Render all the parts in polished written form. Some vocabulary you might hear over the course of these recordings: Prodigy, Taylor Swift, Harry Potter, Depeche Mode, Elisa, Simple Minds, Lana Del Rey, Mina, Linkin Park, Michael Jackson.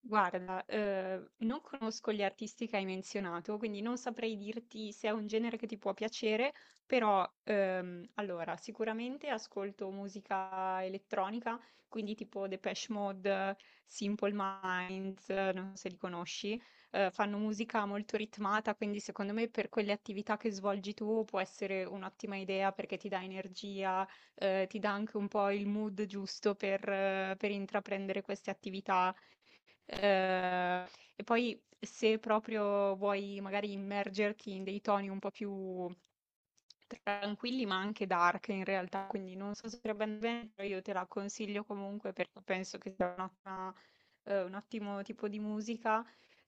Guarda, non conosco gli artisti che hai menzionato, quindi non saprei dirti se è un genere che ti può piacere, però, allora, sicuramente ascolto musica elettronica, quindi tipo Depeche Mode, Simple Minds, non so se li conosci, fanno musica molto ritmata, quindi secondo me per quelle attività che svolgi tu può essere un'ottima idea perché ti dà energia, ti dà anche un po' il mood giusto per intraprendere queste attività. Ehm, e poi se proprio vuoi magari immergerti in dei toni un po' più tranquilli, ma anche dark in realtà, quindi non so se andrebbe bene, però io te la consiglio comunque perché penso che sia un ottimo tipo di musica.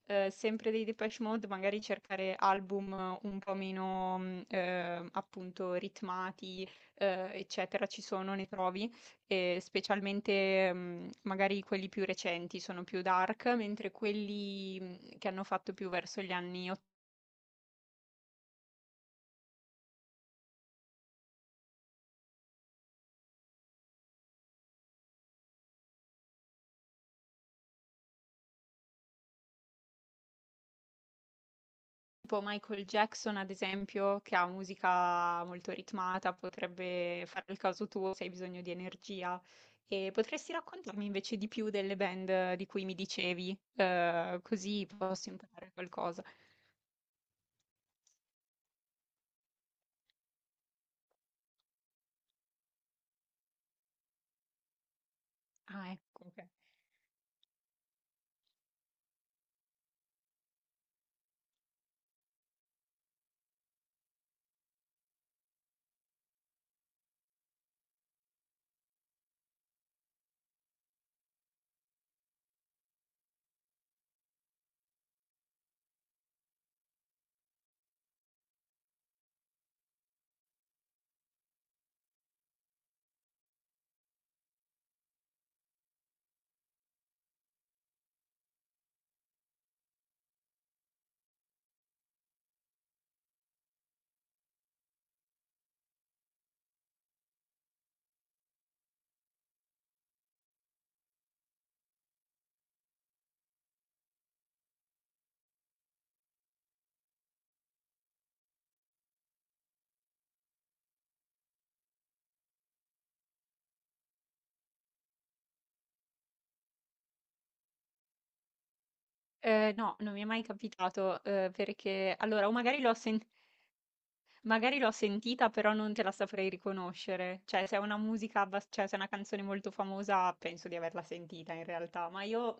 Sempre dei Depeche Mode, magari cercare album un po' meno, appunto, ritmati, eccetera, ci sono, ne trovi e specialmente magari quelli più recenti sono più dark, mentre quelli che hanno fatto più verso gli anni 80, tipo Michael Jackson, ad esempio, che ha musica molto ritmata, potrebbe fare il caso tuo se hai bisogno di energia. E potresti raccontarmi invece di più delle band di cui mi dicevi, così posso imparare qualcosa. Ah, ecco, ok. No, non mi è mai capitato, perché allora, o magari l'ho sentito Magari l'ho sentita, però non te la saprei riconoscere. Cioè, se è una musica, cioè se è una canzone molto famosa, penso di averla sentita in realtà, ma io...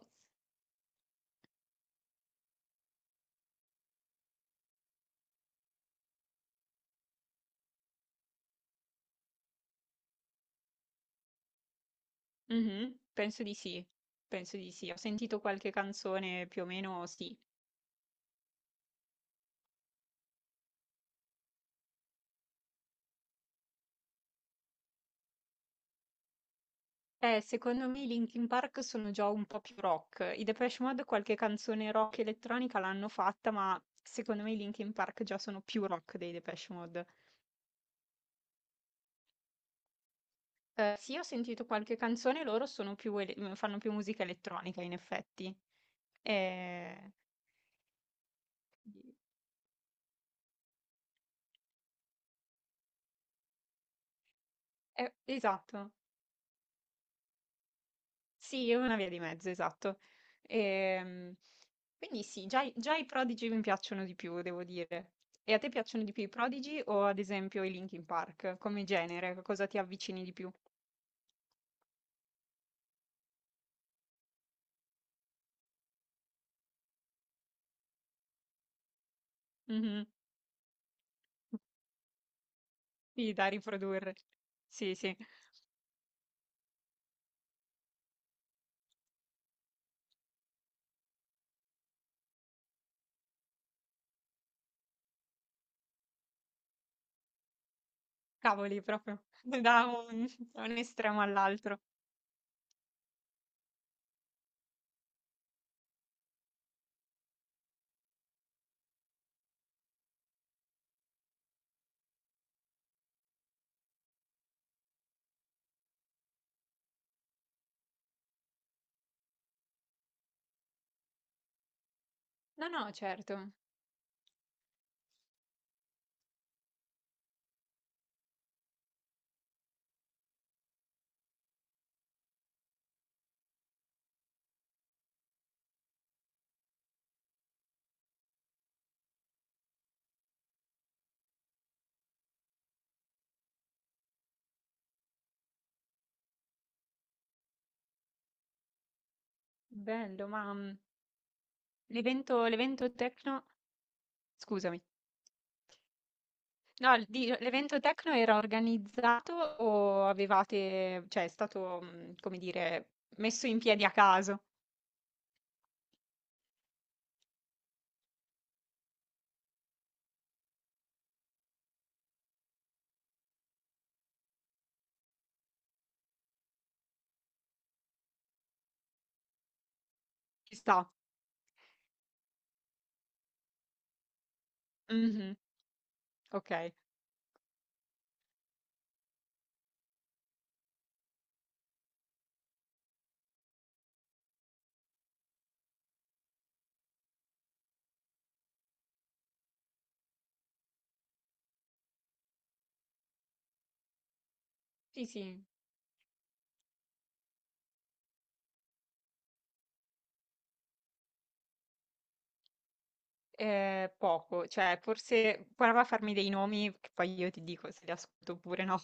Mhm, penso di sì, penso di sì. Ho sentito qualche canzone più o meno, sì. Secondo me i Linkin Park sono già un po' più rock. I Depeche Mode qualche canzone rock elettronica l'hanno fatta, ma secondo me i Linkin Park già sono più rock dei Depeche Mode. Sì, ho sentito qualche canzone, loro sono più fanno più musica elettronica, in effetti. Ehm, quindi è esatto. Sì, è una via di mezzo, esatto. Ehm, quindi sì, già, i Prodigy mi piacciono di più, devo dire. E a te piacciono di più i Prodigy o ad esempio i Linkin Park? Come genere, cosa ti avvicini di più? Mhm. Sì, da riprodurre. Sì, sì, cavoli, proprio da un, da un estremo all'altro. No, no, certo, bello, ma mm, l'evento techno, scusami. No, il di l'evento techno era organizzato o avevate, cioè è stato, mhmm, come dire, messo in piedi a caso? Ci sta. Mh-mh. Okay. Sì, sì, poco, cioè forse prova a farmi dei nomi che poi io ti dico se li ascolto oppure no.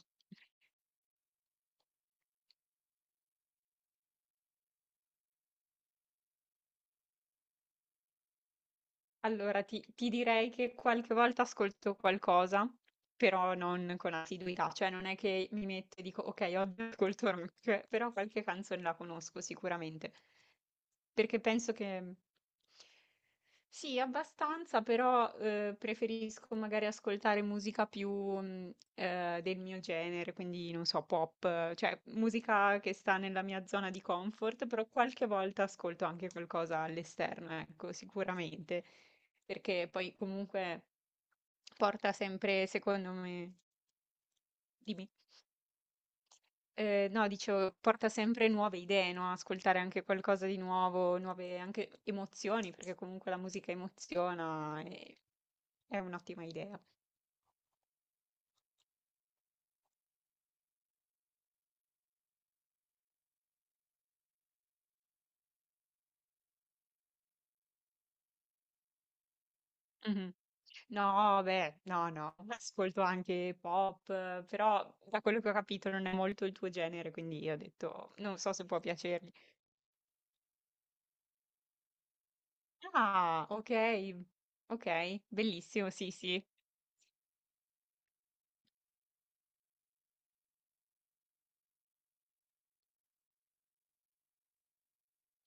Allora, ti direi che qualche volta ascolto qualcosa, però non con assiduità, cioè non è che mi metto e dico: "Okay, oggi ascolto rock", cioè, però qualche canzone la conosco sicuramente. Perché penso che Sì, abbastanza, però, preferisco magari ascoltare musica più, del mio genere, quindi non so, pop, cioè musica che sta nella mia zona di comfort, però qualche volta ascolto anche qualcosa all'esterno, ecco, sicuramente perché poi comunque porta sempre, secondo me... Dimmi. No, dicevo, porta sempre nuove idee, no? Ascoltare anche qualcosa di nuovo, nuove anche emozioni, perché comunque la musica emoziona e è un'ottima idea. Mhm. No, beh, no, no, ascolto anche pop, però da quello che ho capito non è molto il tuo genere, quindi io ho detto, non so se può piacergli. Ah, ok, ok, bellissimo, sì, sì.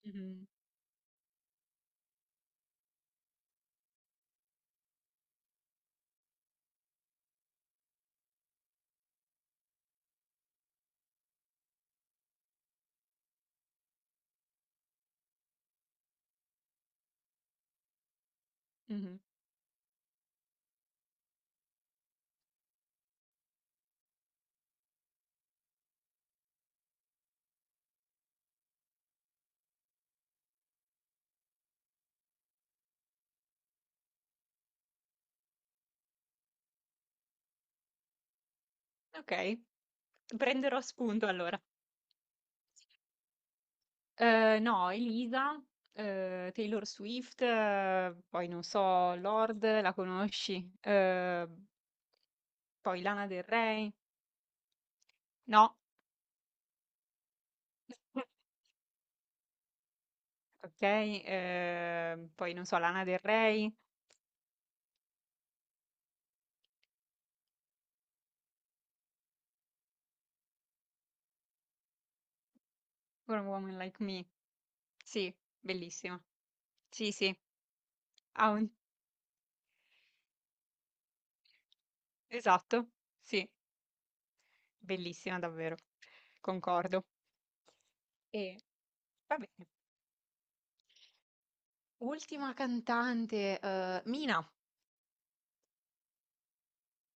Mhm, mhm. Okay, prenderò spunto allora. No, Elisa, Taylor Swift, poi non so, Lord, la conosci? Poi Lana Del Rey? No? Okay, poi non so, Lana Del Rey, What a Woman Like Me. Sì, bellissima. Sì, sì, ha un... esatto, sì, bellissima davvero, concordo. E va bene, ultima cantante, Mina.